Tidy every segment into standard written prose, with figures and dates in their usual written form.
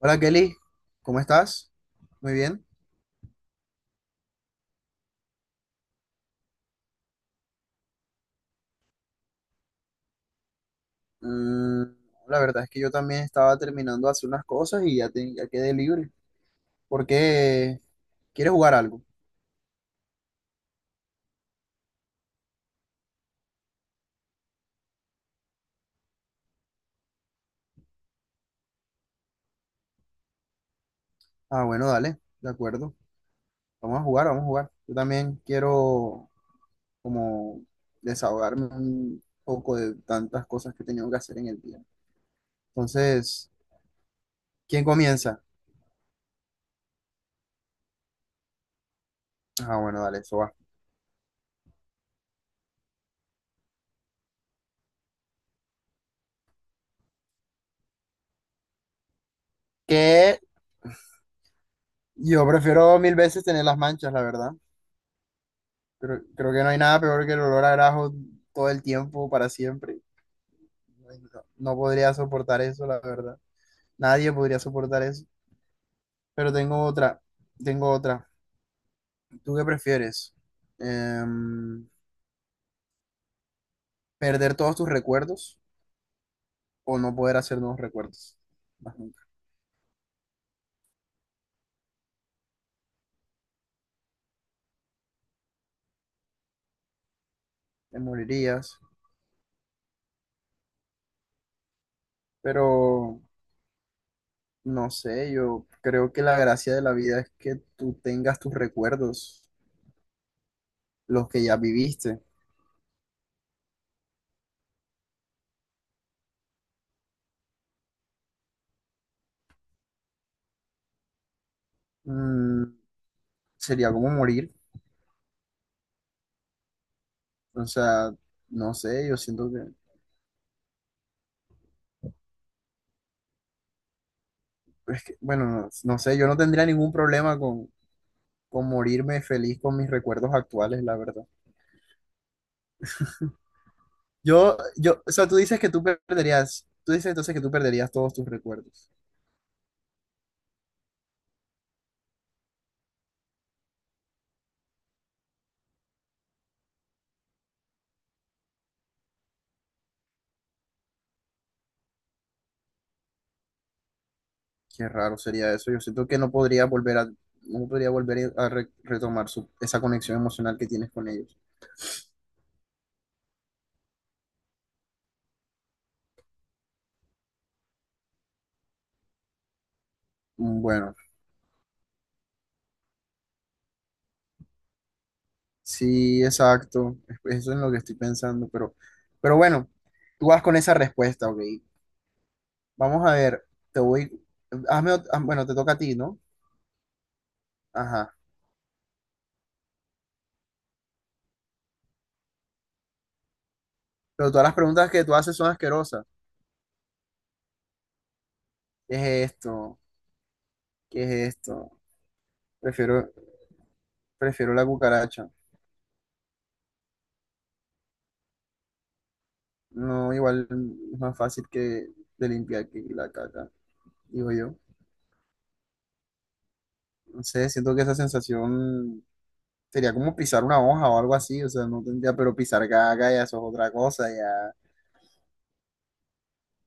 Hola Kelly, ¿cómo estás? Muy bien. Mm, la verdad es que yo también estaba terminando de hacer unas cosas y ya, ya quedé libre. ¿Por qué? ¿Quieres jugar algo? Ah, bueno, dale, de acuerdo. Vamos a jugar, vamos a jugar. Yo también quiero como desahogarme un poco de tantas cosas que he tenido que hacer en el día. Entonces, ¿quién comienza? Ah, bueno, dale, eso va. Que yo prefiero mil veces tener las manchas, la verdad. Creo que no hay nada peor que el olor a grajo todo el tiempo, para siempre. No, no podría soportar eso, la verdad. Nadie podría soportar eso. Pero tengo otra, tengo otra. ¿Tú qué prefieres? Em, ¿Perder todos tus recuerdos o no poder hacer nuevos recuerdos? Más nunca. Te morirías. Pero no sé, yo creo que la gracia de la vida es que tú tengas tus recuerdos, los que ya viviste. Mm, sería como morir. O sea, no sé, yo siento que, es que, bueno, no, no sé, yo no tendría ningún problema con, morirme feliz con mis recuerdos actuales, la verdad. Yo, o sea, tú dices que tú perderías, tú dices entonces que tú perderías todos tus recuerdos. Qué raro sería eso. Yo siento que no podría volver a retomar esa conexión emocional que tienes con ellos. Mm, bueno, sí, exacto. Eso es lo que estoy pensando, pero bueno, tú vas con esa respuesta, ok. Vamos a ver, te voy, ah, bueno, te toca a ti, ¿no? Ajá. Pero todas las preguntas que tú haces son asquerosas. ¿Qué es esto? ¿Qué es esto? Prefiero, prefiero la cucaracha. No, igual es más fácil que de limpiar que la caca, digo yo. No sé, siento que esa sensación sería como pisar una hoja o algo así, o sea, no tendría, pero pisar caca ya eso es otra cosa, ya.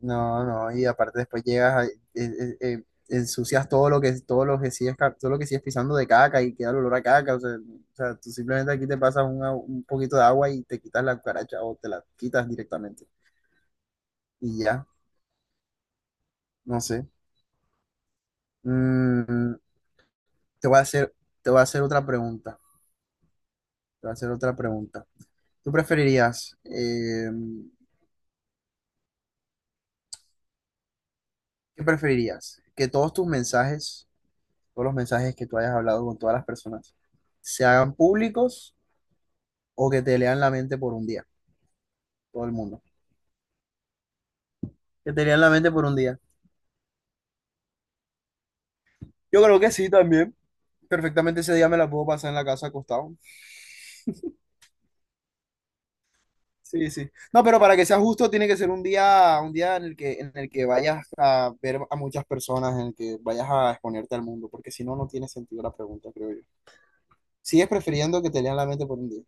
No, no, y aparte después llegas, ensucias todo lo que, todo lo que sigues pisando de caca y queda el olor a caca, o sea, tú simplemente aquí te pasas un poquito de agua y te quitas la cucaracha o te la quitas directamente y ya, no sé. Mm, te voy a hacer, te voy a hacer otra pregunta, te voy a hacer otra pregunta. ¿Tú preferirías, eh, qué preferirías? ¿Que todos tus mensajes, todos los mensajes que tú hayas hablado con todas las personas, se hagan públicos? O que te lean la mente por un día, todo el mundo. Que te lean la mente por un día. Yo creo que sí también. Perfectamente ese día me la puedo pasar en la casa acostado. Sí, sí. No, pero para que sea justo tiene que ser un día en el que, vayas a ver a muchas personas, en el que vayas a exponerte al mundo, porque si no, no tiene sentido la pregunta, creo yo. Sigues prefiriendo que te lean la mente por un día.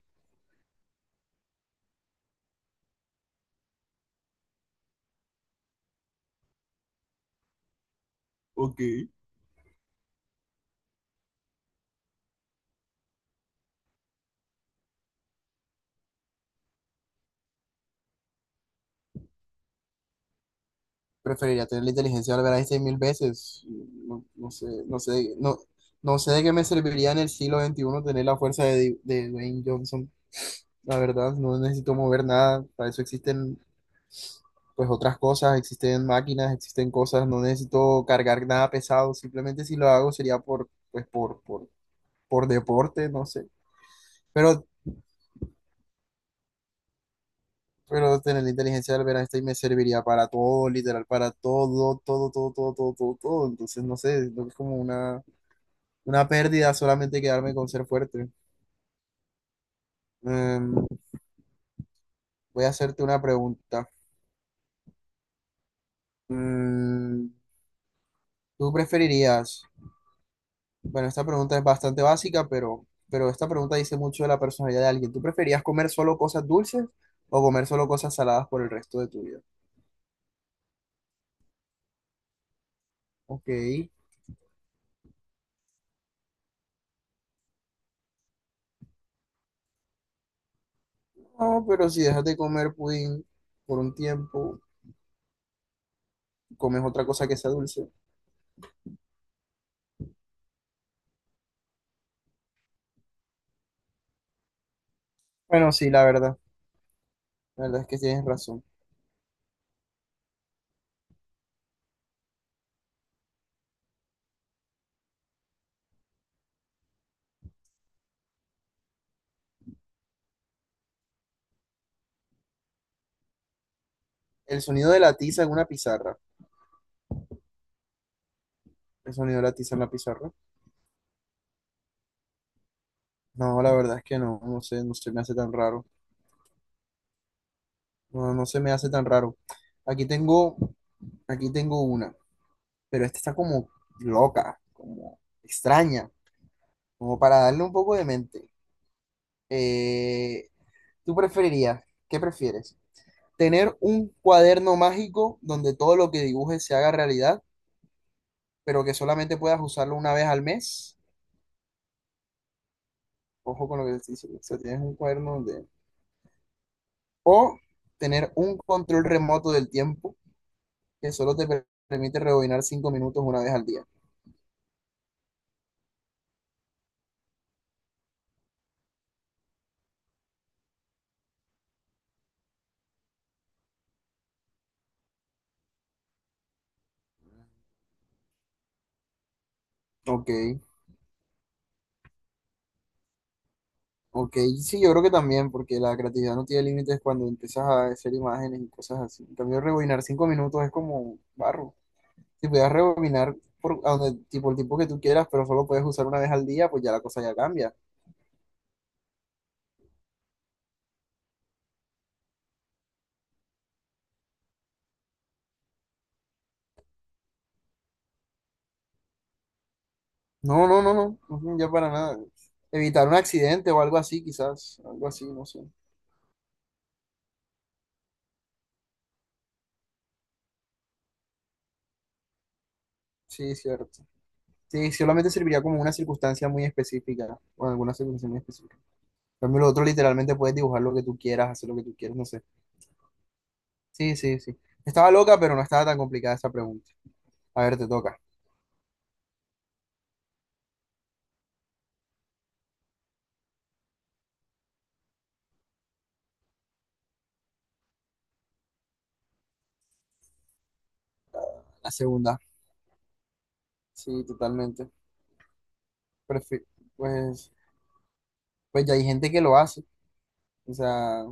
Ok. Preferiría tener la inteligencia de Albert Einstein mil veces. No, no sé, no sé, no, no sé de qué me serviría en el siglo XXI tener la fuerza de Dwayne Johnson. La verdad, no necesito mover nada. Para eso existen pues otras cosas, existen máquinas, existen cosas. No necesito cargar nada pesado. Simplemente si lo hago sería por pues por deporte, no sé. Pero pero tener la inteligencia del Einstein me serviría para todo, literal, para todo, todo, todo, todo, todo, todo, todo. Entonces, no sé, creo es como una, pérdida solamente quedarme con ser fuerte. Em, voy a hacerte una pregunta. Mm, ¿Tú preferirías? Bueno, esta pregunta es bastante básica, pero esta pregunta dice mucho de la personalidad de alguien. ¿Tú preferías comer solo cosas dulces o comer solo cosas saladas por el resto de tu vida? Ok. No, pero si dejas de comer pudín por un tiempo, comes otra cosa que sea dulce. Bueno, sí, la verdad. La verdad es que tienes razón. El sonido de la tiza en una pizarra. ¿El sonido de la tiza en la pizarra? No, la verdad es que no. No sé, no se me hace tan raro. No, no se me hace tan raro. Aquí tengo, aquí tengo una. Pero esta está como loca, como extraña, como para darle un poco de mente. Eh, ¿tú preferirías, qué prefieres? ¿Tener un cuaderno mágico donde todo lo que dibujes se haga realidad, pero que solamente puedas usarlo una vez al mes? Ojo con lo que te estoy diciendo, o sea, tienes un cuaderno donde. O tener un control remoto del tiempo que solo te permite rebobinar 5 minutos una vez al día. Ok. Ok, sí, yo creo que también, porque la creatividad no tiene límites cuando empiezas a hacer imágenes y cosas así. En cambio, rebobinar 5 minutos es como barro. Si pudieras rebobinar por a donde, tipo el tiempo que tú quieras, pero solo puedes usar una vez al día, pues ya la cosa ya cambia. No, no, no, no, ujú, ya para nada. Evitar un accidente o algo así, quizás, algo así, no sé. Sí, cierto. Sí, solamente serviría como una circunstancia muy específica, o en alguna circunstancia muy específica. En cambio, lo otro literalmente puedes dibujar lo que tú quieras, hacer lo que tú quieras, no sé. Sí, sí, sí. Estaba loca, pero no estaba tan complicada esa pregunta. A ver, te toca. La segunda. Sí, totalmente. Prefi- pues, pues ya hay gente que lo hace. O sea,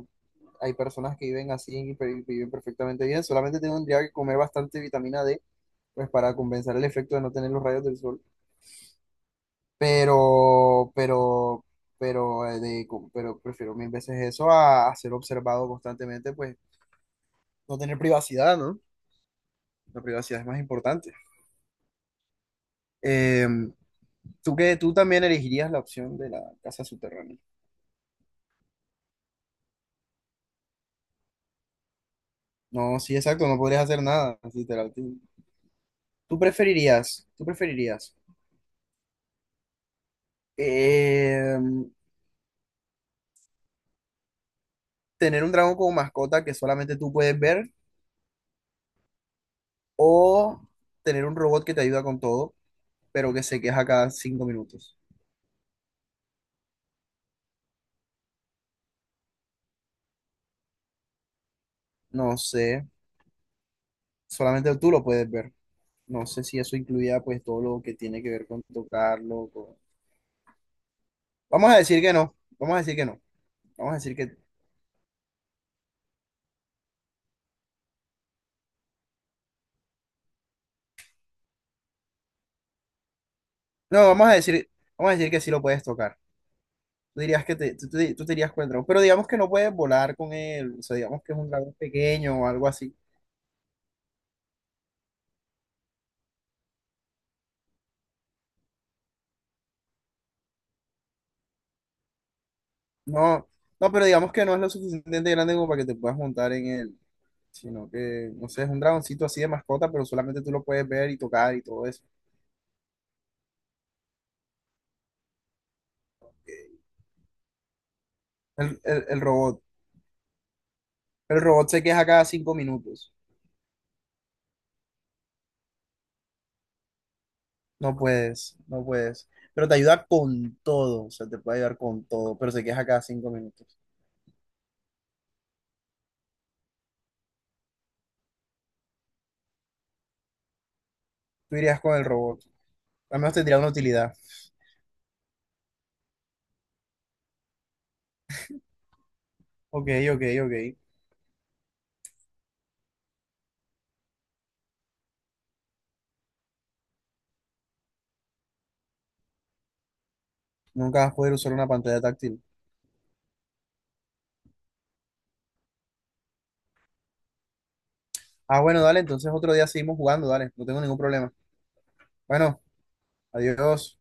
hay personas que viven así y viven perfectamente bien. Solamente tendría que comer bastante vitamina D, pues para compensar el efecto de no tener los rayos del sol. Pero, pero, pero prefiero mil veces eso a, ser observado constantemente, pues no tener privacidad, ¿no? La privacidad es más importante. Eh, Tú que tú también elegirías la opción de la casa subterránea. No, sí, exacto, no podrías hacer nada, literal. Tú preferirías eh, tener un dragón como mascota que solamente tú puedes ver o tener un robot que te ayuda con todo, pero que se queja cada 5 minutos. No sé, solamente tú lo puedes ver. No sé si eso incluía pues todo lo que tiene que ver con tocarlo. Vamos a decir que no, vamos a decir que no, vamos a decir que no, vamos a decir que sí lo puedes tocar. Tú dirías que te, tú di- tú te irías con el dragón, pero digamos que no puedes volar con él, o sea, digamos que es un dragón pequeño o algo así. No, no, pero digamos que no es lo suficientemente grande como para que te puedas montar en él, sino que, no sé, es un dragoncito así de mascota, pero solamente tú lo puedes ver y tocar y todo eso. El, el, el robot, el robot se queja cada 5 minutos. No puedes, no puedes. Pero te ayuda con todo, o sea, te puede ayudar con todo, pero se queja cada 5 minutos. Tú irías con el robot, al menos tendría una utilidad. Ok, ok, ok. Nunca vas a poder usar una pantalla táctil. Ah, bueno, dale, entonces otro día seguimos jugando, dale, no tengo ningún problema. Bueno, adiós.